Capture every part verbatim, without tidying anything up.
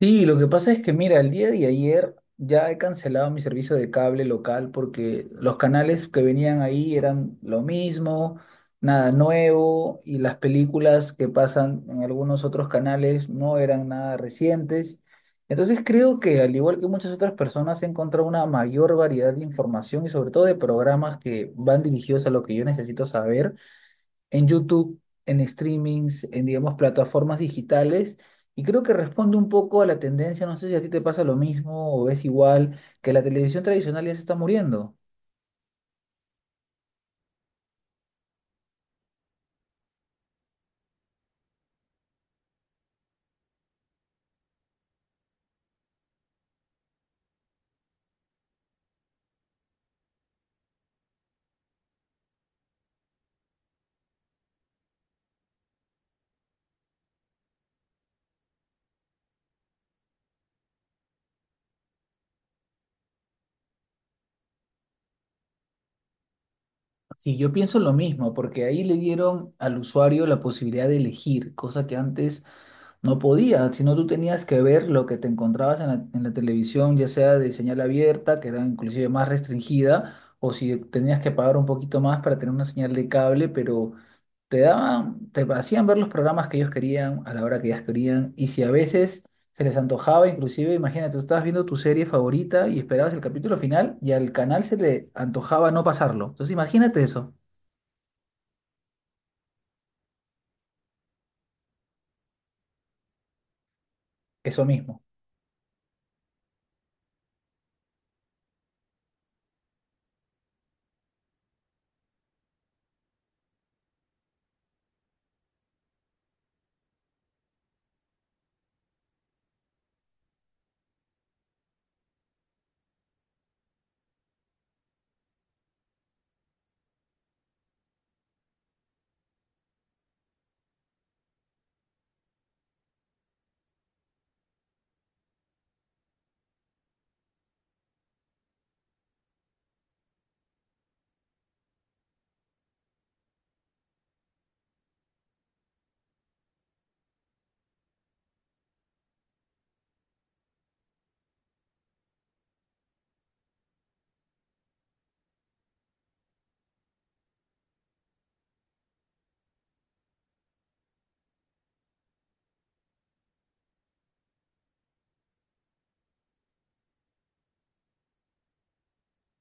Sí, lo que pasa es que, mira, el día de ayer ya he cancelado mi servicio de cable local porque los canales que venían ahí eran lo mismo, nada nuevo, y las películas que pasan en algunos otros canales no eran nada recientes. Entonces creo que, al igual que muchas otras personas, he encontrado una mayor variedad de información y sobre todo de programas que van dirigidos a lo que yo necesito saber en YouTube, en streamings, en, digamos, plataformas digitales. Y creo que responde un poco a la tendencia, no sé si a ti te pasa lo mismo o ves igual, que la televisión tradicional ya se está muriendo. Sí, yo pienso lo mismo, porque ahí le dieron al usuario la posibilidad de elegir, cosa que antes no podía, sino tú tenías que ver lo que te encontrabas en la, en la televisión, ya sea de señal abierta, que era inclusive más restringida, o si tenías que pagar un poquito más para tener una señal de cable, pero te daban, te hacían ver los programas que ellos querían a la hora que ellas querían y si a veces se les antojaba, inclusive, imagínate, tú estabas viendo tu serie favorita y esperabas el capítulo final y al canal se le antojaba no pasarlo. Entonces imagínate eso, eso mismo.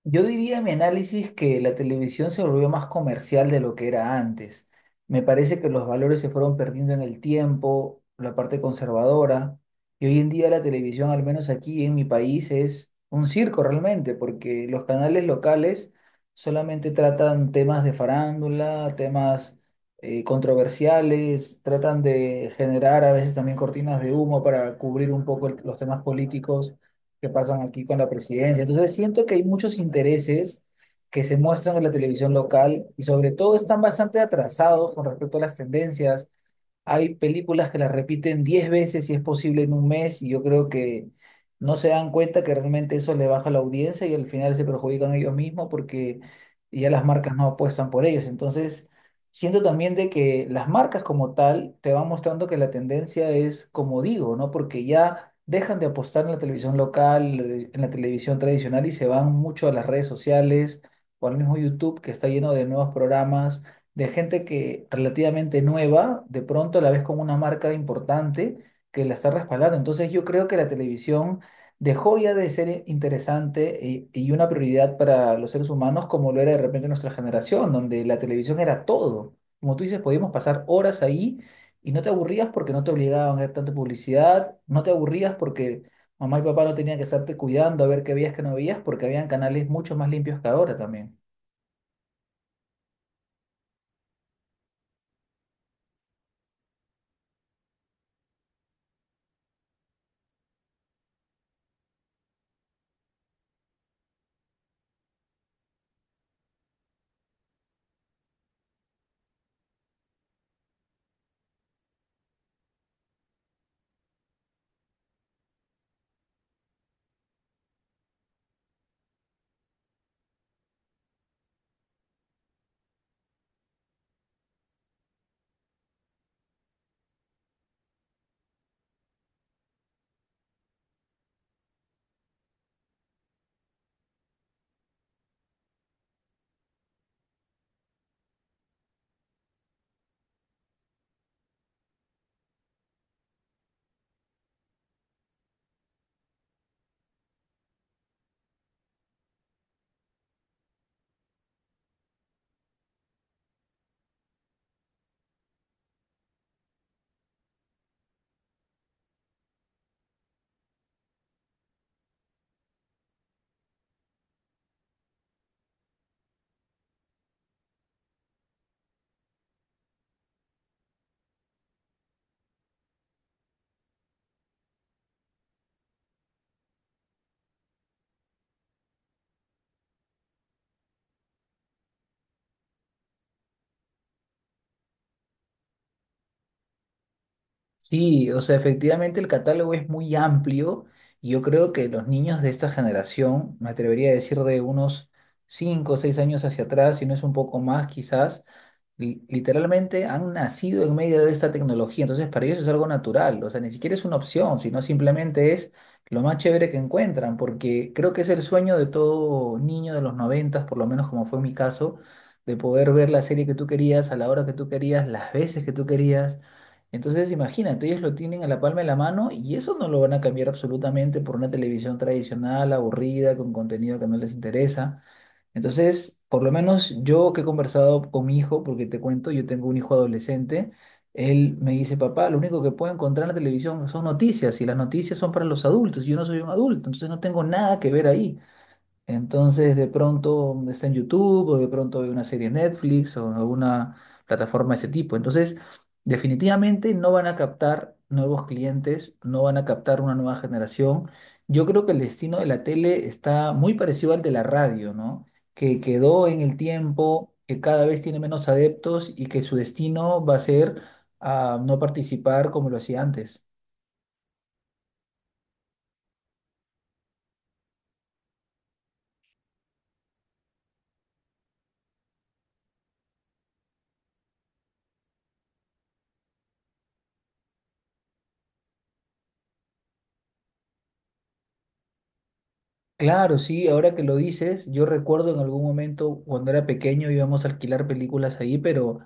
Yo diría en mi análisis que la televisión se volvió más comercial de lo que era antes. Me parece que los valores se fueron perdiendo en el tiempo, la parte conservadora, y hoy en día la televisión, al menos aquí en mi país, es un circo realmente, porque los canales locales solamente tratan temas de farándula, temas eh, controversiales, tratan de generar a veces también cortinas de humo para cubrir un poco el- los temas políticos que pasan aquí con la presidencia. Entonces siento que hay muchos intereses que se muestran en la televisión local y sobre todo están bastante atrasados con respecto a las tendencias. Hay películas que las repiten diez veces si es posible en un mes y yo creo que no se dan cuenta que realmente eso le baja la audiencia y al final se perjudican ellos mismos porque ya las marcas no apuestan por ellos. Entonces, siento también de que las marcas como tal te van mostrando que la tendencia es como digo, ¿no? Porque ya dejan de apostar en la televisión local, eh, en la televisión tradicional y se van mucho a las redes sociales o al mismo YouTube que está lleno de nuevos programas, de gente que relativamente nueva, de pronto la ves con una marca importante que la está respaldando. Entonces yo creo que la televisión dejó ya de ser interesante y y una prioridad para los seres humanos como lo era de repente nuestra generación, donde la televisión era todo. Como tú dices, podíamos pasar horas ahí y no te aburrías porque no te obligaban a ver tanta publicidad, no te aburrías porque mamá y papá no tenían que estarte cuidando a ver qué veías, que no veías, porque habían canales mucho más limpios que ahora también. Sí, o sea, efectivamente el catálogo es muy amplio y yo creo que los niños de esta generación, me atrevería a decir de unos cinco o seis años hacia atrás, si no es un poco más quizás, li- literalmente han nacido en medio de esta tecnología, entonces para ellos es algo natural, o sea, ni siquiera es una opción, sino simplemente es lo más chévere que encuentran, porque creo que es el sueño de todo niño de los noventas, por lo menos como fue mi caso, de poder ver la serie que tú querías, a la hora que tú querías, las veces que tú querías. Entonces, imagínate, ellos lo tienen a la palma de la mano y eso no lo van a cambiar absolutamente por una televisión tradicional, aburrida, con contenido que no les interesa. Entonces, por lo menos yo que he conversado con mi hijo, porque te cuento, yo tengo un hijo adolescente, él me dice, papá, lo único que puedo encontrar en la televisión son noticias y las noticias son para los adultos, y yo no soy un adulto, entonces no tengo nada que ver ahí. Entonces, de pronto está en YouTube o de pronto hay una serie en Netflix o en alguna plataforma de ese tipo. Entonces, definitivamente no van a captar nuevos clientes, no van a captar una nueva generación. Yo creo que el destino de la tele está muy parecido al de la radio, ¿no? Que quedó en el tiempo, que cada vez tiene menos adeptos y que su destino va a ser a no participar como lo hacía antes. Claro, sí, ahora que lo dices, yo recuerdo en algún momento cuando era pequeño íbamos a alquilar películas ahí, pero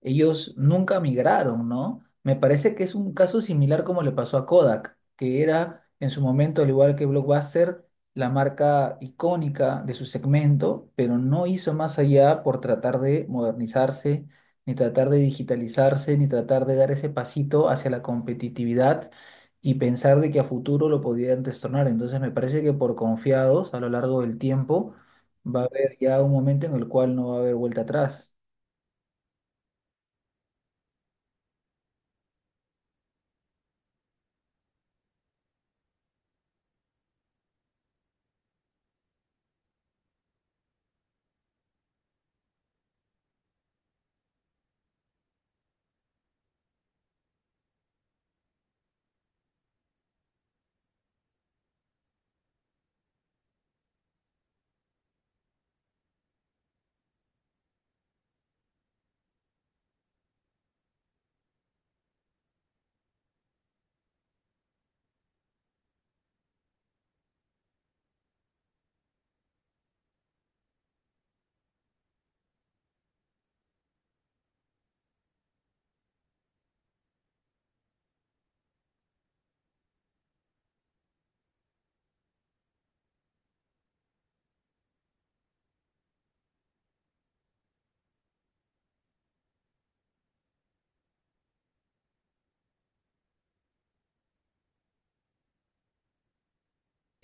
ellos nunca migraron, ¿no? Me parece que es un caso similar como le pasó a Kodak, que era en su momento, al igual que Blockbuster, la marca icónica de su segmento, pero no hizo más allá por tratar de modernizarse, ni tratar de digitalizarse, ni tratar de dar ese pasito hacia la competitividad y pensar de que a futuro lo podían destronar. Entonces me parece que por confiados a lo largo del tiempo va a haber ya un momento en el cual no va a haber vuelta atrás.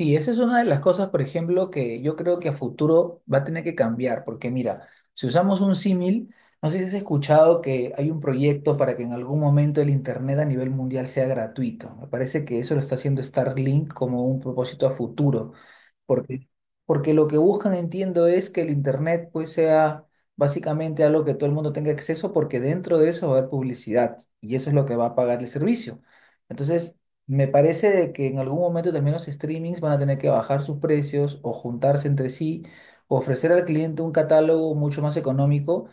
Y esa es una de las cosas, por ejemplo, que yo creo que a futuro va a tener que cambiar, porque mira, si usamos un símil, no sé si has escuchado que hay un proyecto para que en algún momento el Internet a nivel mundial sea gratuito. Me parece que eso lo está haciendo Starlink como un propósito a futuro. Porque, porque lo que buscan, entiendo, es que el Internet pues sea básicamente algo que todo el mundo tenga acceso porque dentro de eso va a haber publicidad y eso es lo que va a pagar el servicio. Entonces, me parece de que en algún momento también los streamings van a tener que bajar sus precios o juntarse entre sí, o ofrecer al cliente un catálogo mucho más económico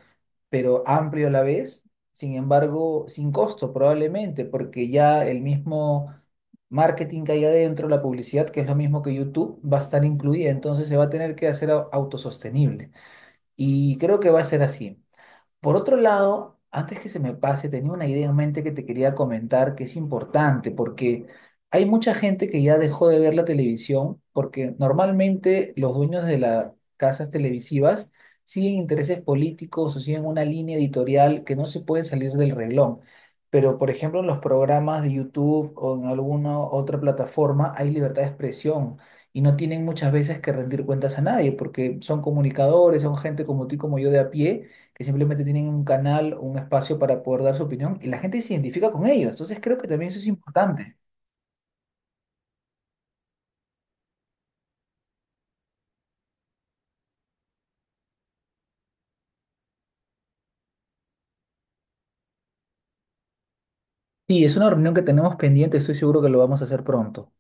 pero amplio a la vez, sin embargo, sin costo probablemente, porque ya el mismo marketing que hay adentro, la publicidad, que es lo mismo que YouTube, va a estar incluida, entonces se va a tener que hacer au- autosostenible. Y creo que va a ser así. Por otro lado, antes que se me pase, tenía una idea en mente que te quería comentar que es importante, porque hay mucha gente que ya dejó de ver la televisión, porque normalmente los dueños de las casas televisivas siguen intereses políticos o siguen una línea editorial que no se puede salir del reglón. Pero, por ejemplo, en los programas de YouTube o en alguna otra plataforma hay libertad de expresión y no tienen muchas veces que rendir cuentas a nadie, porque son comunicadores, son gente como tú y como yo de a pie que simplemente tienen un canal, un espacio para poder dar su opinión y la gente se identifica con ellos. Entonces creo que también eso es importante. Sí, es una reunión que tenemos pendiente, estoy seguro que lo vamos a hacer pronto.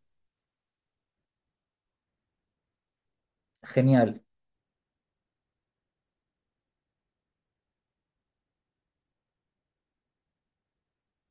Genial.